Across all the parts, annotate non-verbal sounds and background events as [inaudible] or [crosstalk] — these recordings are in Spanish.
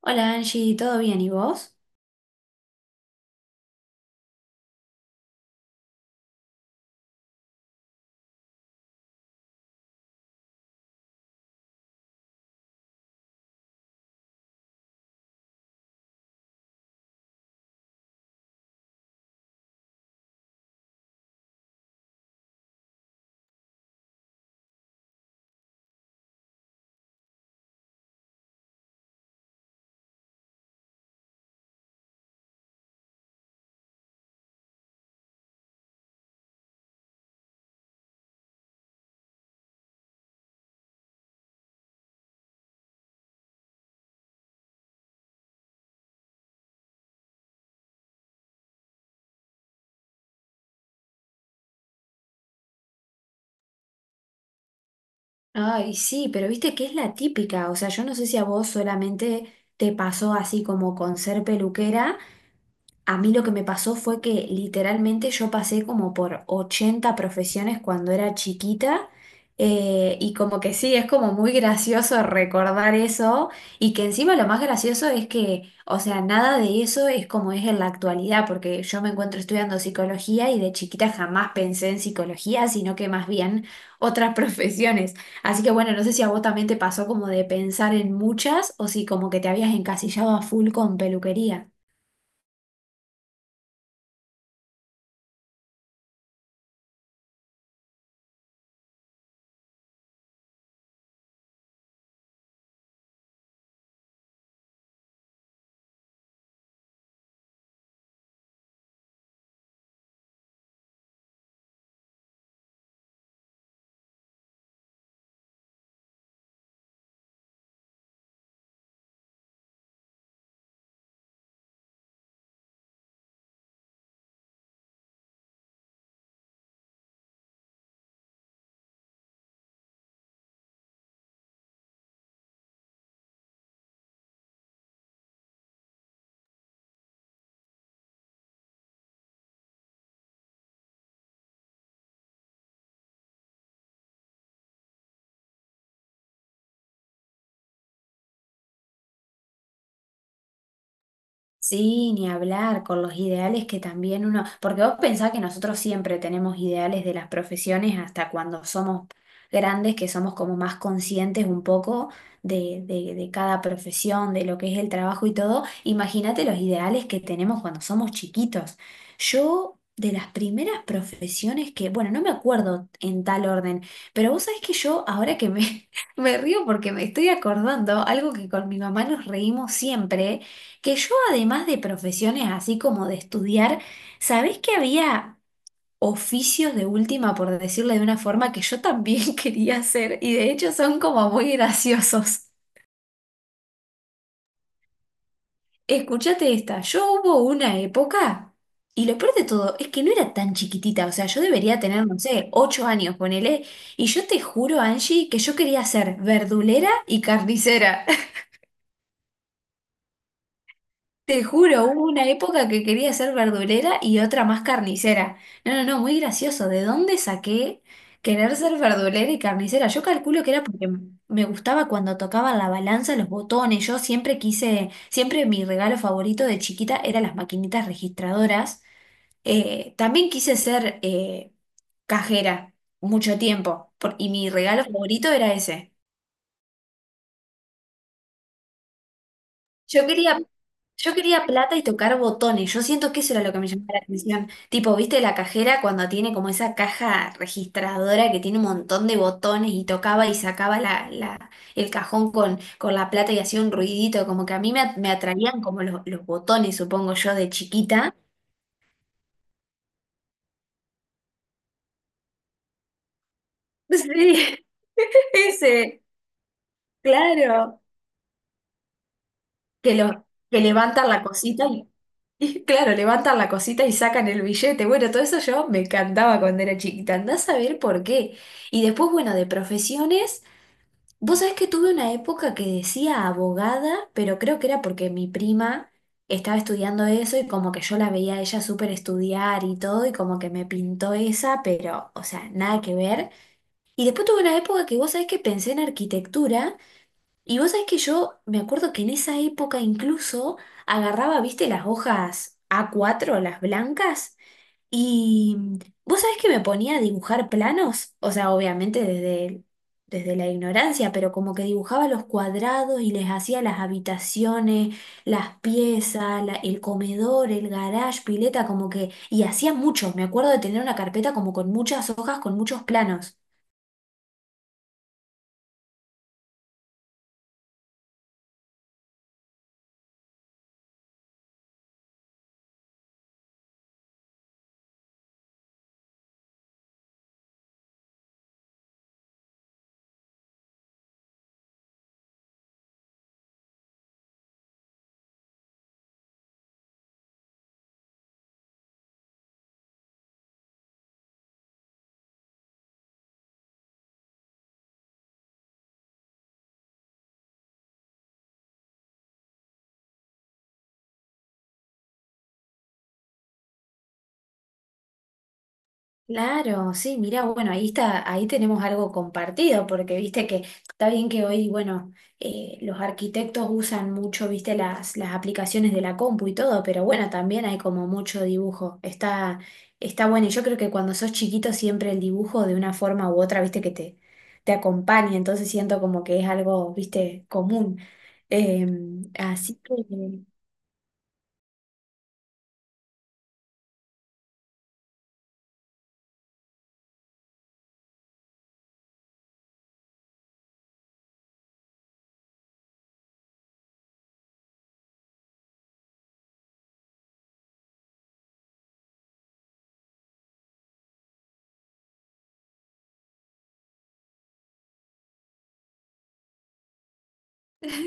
Hola Angie, ¿todo bien? ¿Y vos? Ay, sí, pero viste que es la típica, o sea, yo no sé si a vos solamente te pasó así como con ser peluquera. A mí lo que me pasó fue que literalmente yo pasé como por 80 profesiones cuando era chiquita, y como que sí, es como muy gracioso recordar eso, y que encima lo más gracioso es que, o sea, nada de eso es como es en la actualidad porque yo me encuentro estudiando psicología, y de chiquita jamás pensé en psicología, sino que más bien [laughs] otras profesiones. Así que bueno, no sé si a vos también te pasó como de pensar en muchas, o si como que te habías encasillado a full con peluquería. Sí, ni hablar con los ideales que también uno, porque vos pensás que nosotros siempre tenemos ideales de las profesiones hasta cuando somos grandes, que somos como más conscientes un poco de cada profesión, de lo que es el trabajo y todo. Imagínate los ideales que tenemos cuando somos chiquitos. Yo, de las primeras profesiones que, bueno, no me acuerdo en tal orden, pero vos sabés que yo, ahora que me, [laughs] me río porque me estoy acordando, algo que con mi mamá nos reímos siempre, que yo, además de profesiones así como de estudiar, ¿sabés que había oficios de última, por decirlo de una forma, que yo también [laughs] quería hacer? Y de hecho son como muy graciosos. Escúchate esta, yo hubo una época, y lo peor de todo es que no era tan chiquitita, o sea, yo debería tener, no sé, 8 años, ponele, y yo te juro, Angie, que yo quería ser verdulera y carnicera. Te juro, hubo una época que quería ser verdulera y otra más carnicera. No, no, no, muy gracioso. ¿De dónde saqué querer ser verdulera y carnicera? Yo calculo que era porque me gustaba cuando tocaban la balanza, los botones. Yo siempre quise, siempre mi regalo favorito de chiquita era las maquinitas registradoras. También quise ser cajera mucho tiempo y mi regalo favorito era ese. Yo quería, yo quería plata y tocar botones. Yo siento que eso era lo que me llamaba la atención. Tipo, ¿viste la cajera cuando tiene como esa caja registradora que tiene un montón de botones y tocaba y sacaba el cajón con la plata y hacía un ruidito? Como que a mí me, me atraían como los botones, supongo yo, de chiquita. Sí, [laughs] ese, claro. Que, lo, que levantan la cosita. Y claro, levantan la cosita y sacan el billete. Bueno, todo eso yo me encantaba cuando era chiquita. Andás a ver por qué. Y después, bueno, de profesiones, vos sabés que tuve una época que decía abogada, pero creo que era porque mi prima estaba estudiando eso y como que yo la veía a ella súper estudiar y todo, y como que me pintó esa, pero, o sea, nada que ver. Y después tuve una época que vos sabés que pensé en arquitectura. Y vos sabés que yo me acuerdo que en esa época incluso agarraba, viste, las hojas a cuatro, las blancas, y vos sabés que me ponía a dibujar planos, o sea, obviamente desde la ignorancia, pero como que dibujaba los cuadrados y les hacía las habitaciones, las piezas, el comedor, el garage, pileta, como que, y hacía muchos, me acuerdo de tener una carpeta como con muchas hojas, con muchos planos. Claro, sí, mira, bueno, ahí está, ahí tenemos algo compartido, porque viste que está bien que hoy, bueno, los arquitectos usan mucho, viste, las aplicaciones de la compu y todo, pero bueno, también hay como mucho dibujo. Está, está bueno, y yo creo que cuando sos chiquito siempre el dibujo de una forma u otra, viste, que te acompaña, entonces siento como que es algo, viste, común. Así que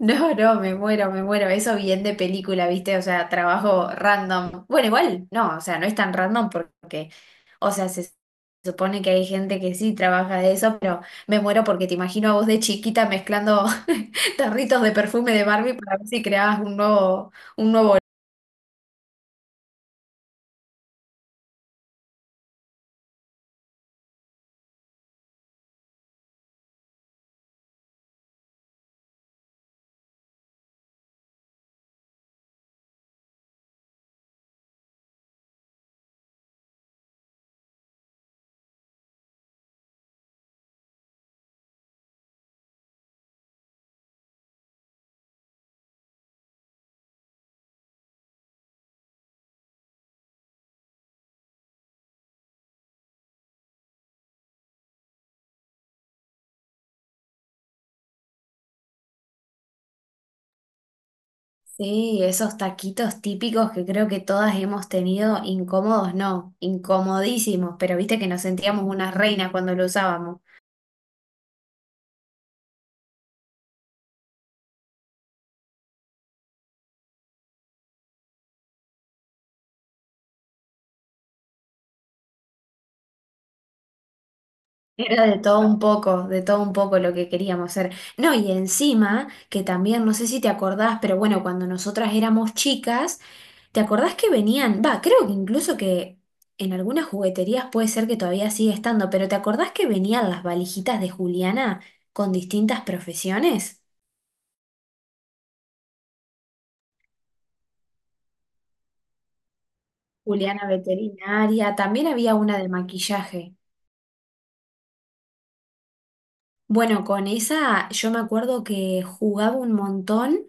no, no, me muero, me muero. Eso bien de película, ¿viste? O sea, trabajo random. Bueno, igual, no, o sea, no es tan random porque, o sea, se supone que hay gente que sí trabaja de eso, pero me muero porque te imagino a vos de chiquita mezclando [laughs] tarritos de perfume de Barbie para ver si creabas un nuevo, un nuevo. Sí, esos taquitos típicos que creo que todas hemos tenido, incómodos, no, incomodísimos, pero viste que nos sentíamos unas reinas cuando lo usábamos. Era de todo un poco, de todo un poco lo que queríamos hacer. No, y encima, que también, no sé si te acordás, pero bueno, cuando nosotras éramos chicas, ¿te acordás que venían? Va, creo que incluso que en algunas jugueterías puede ser que todavía sigue estando, pero ¿te acordás que venían las valijitas de Juliana con distintas profesiones? Juliana veterinaria, también había una de maquillaje. Bueno, con esa yo me acuerdo que jugaba un montón,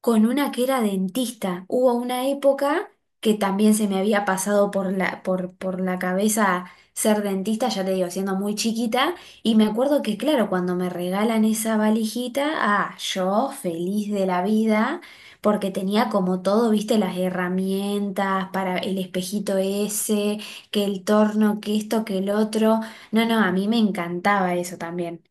con una que era dentista. Hubo una época que también se me había pasado por la, por la cabeza ser dentista, ya te digo, siendo muy chiquita, y me acuerdo que, claro, cuando me regalan esa valijita, ah, yo feliz de la vida, porque tenía como todo, viste, las herramientas para el espejito ese, que el torno, que esto, que el otro. No, no, a mí me encantaba eso también.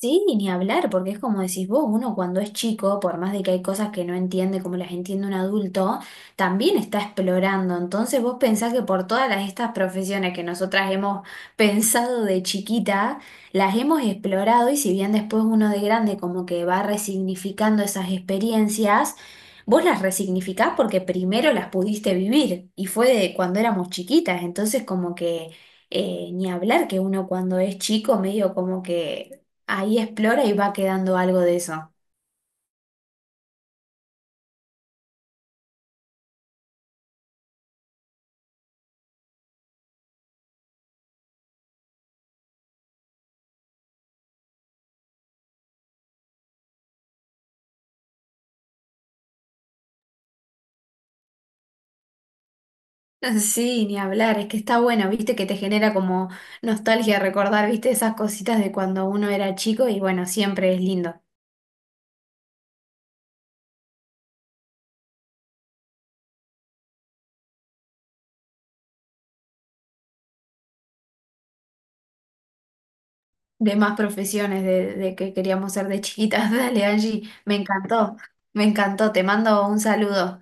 Sí, y ni hablar, porque es como decís vos, uno cuando es chico, por más de que hay cosas que no entiende como las entiende un adulto, también está explorando. Entonces vos pensás que por todas las, estas profesiones que nosotras hemos [laughs] pensado de chiquita, las hemos explorado, y si bien después uno de grande como que va resignificando esas experiencias, vos las resignificás porque primero las pudiste vivir y fue de cuando éramos chiquitas. Entonces como que ni hablar que uno cuando es chico medio como que ahí explora y va quedando algo de eso. [laughs] Sí, ni hablar, es que está bueno, viste que te genera como nostalgia recordar, viste esas cositas de cuando uno era chico, y bueno, siempre es lindo. De más profesiones de que queríamos ser de chiquitas. [laughs] Dale, Angie, me encantó, te mando un saludo.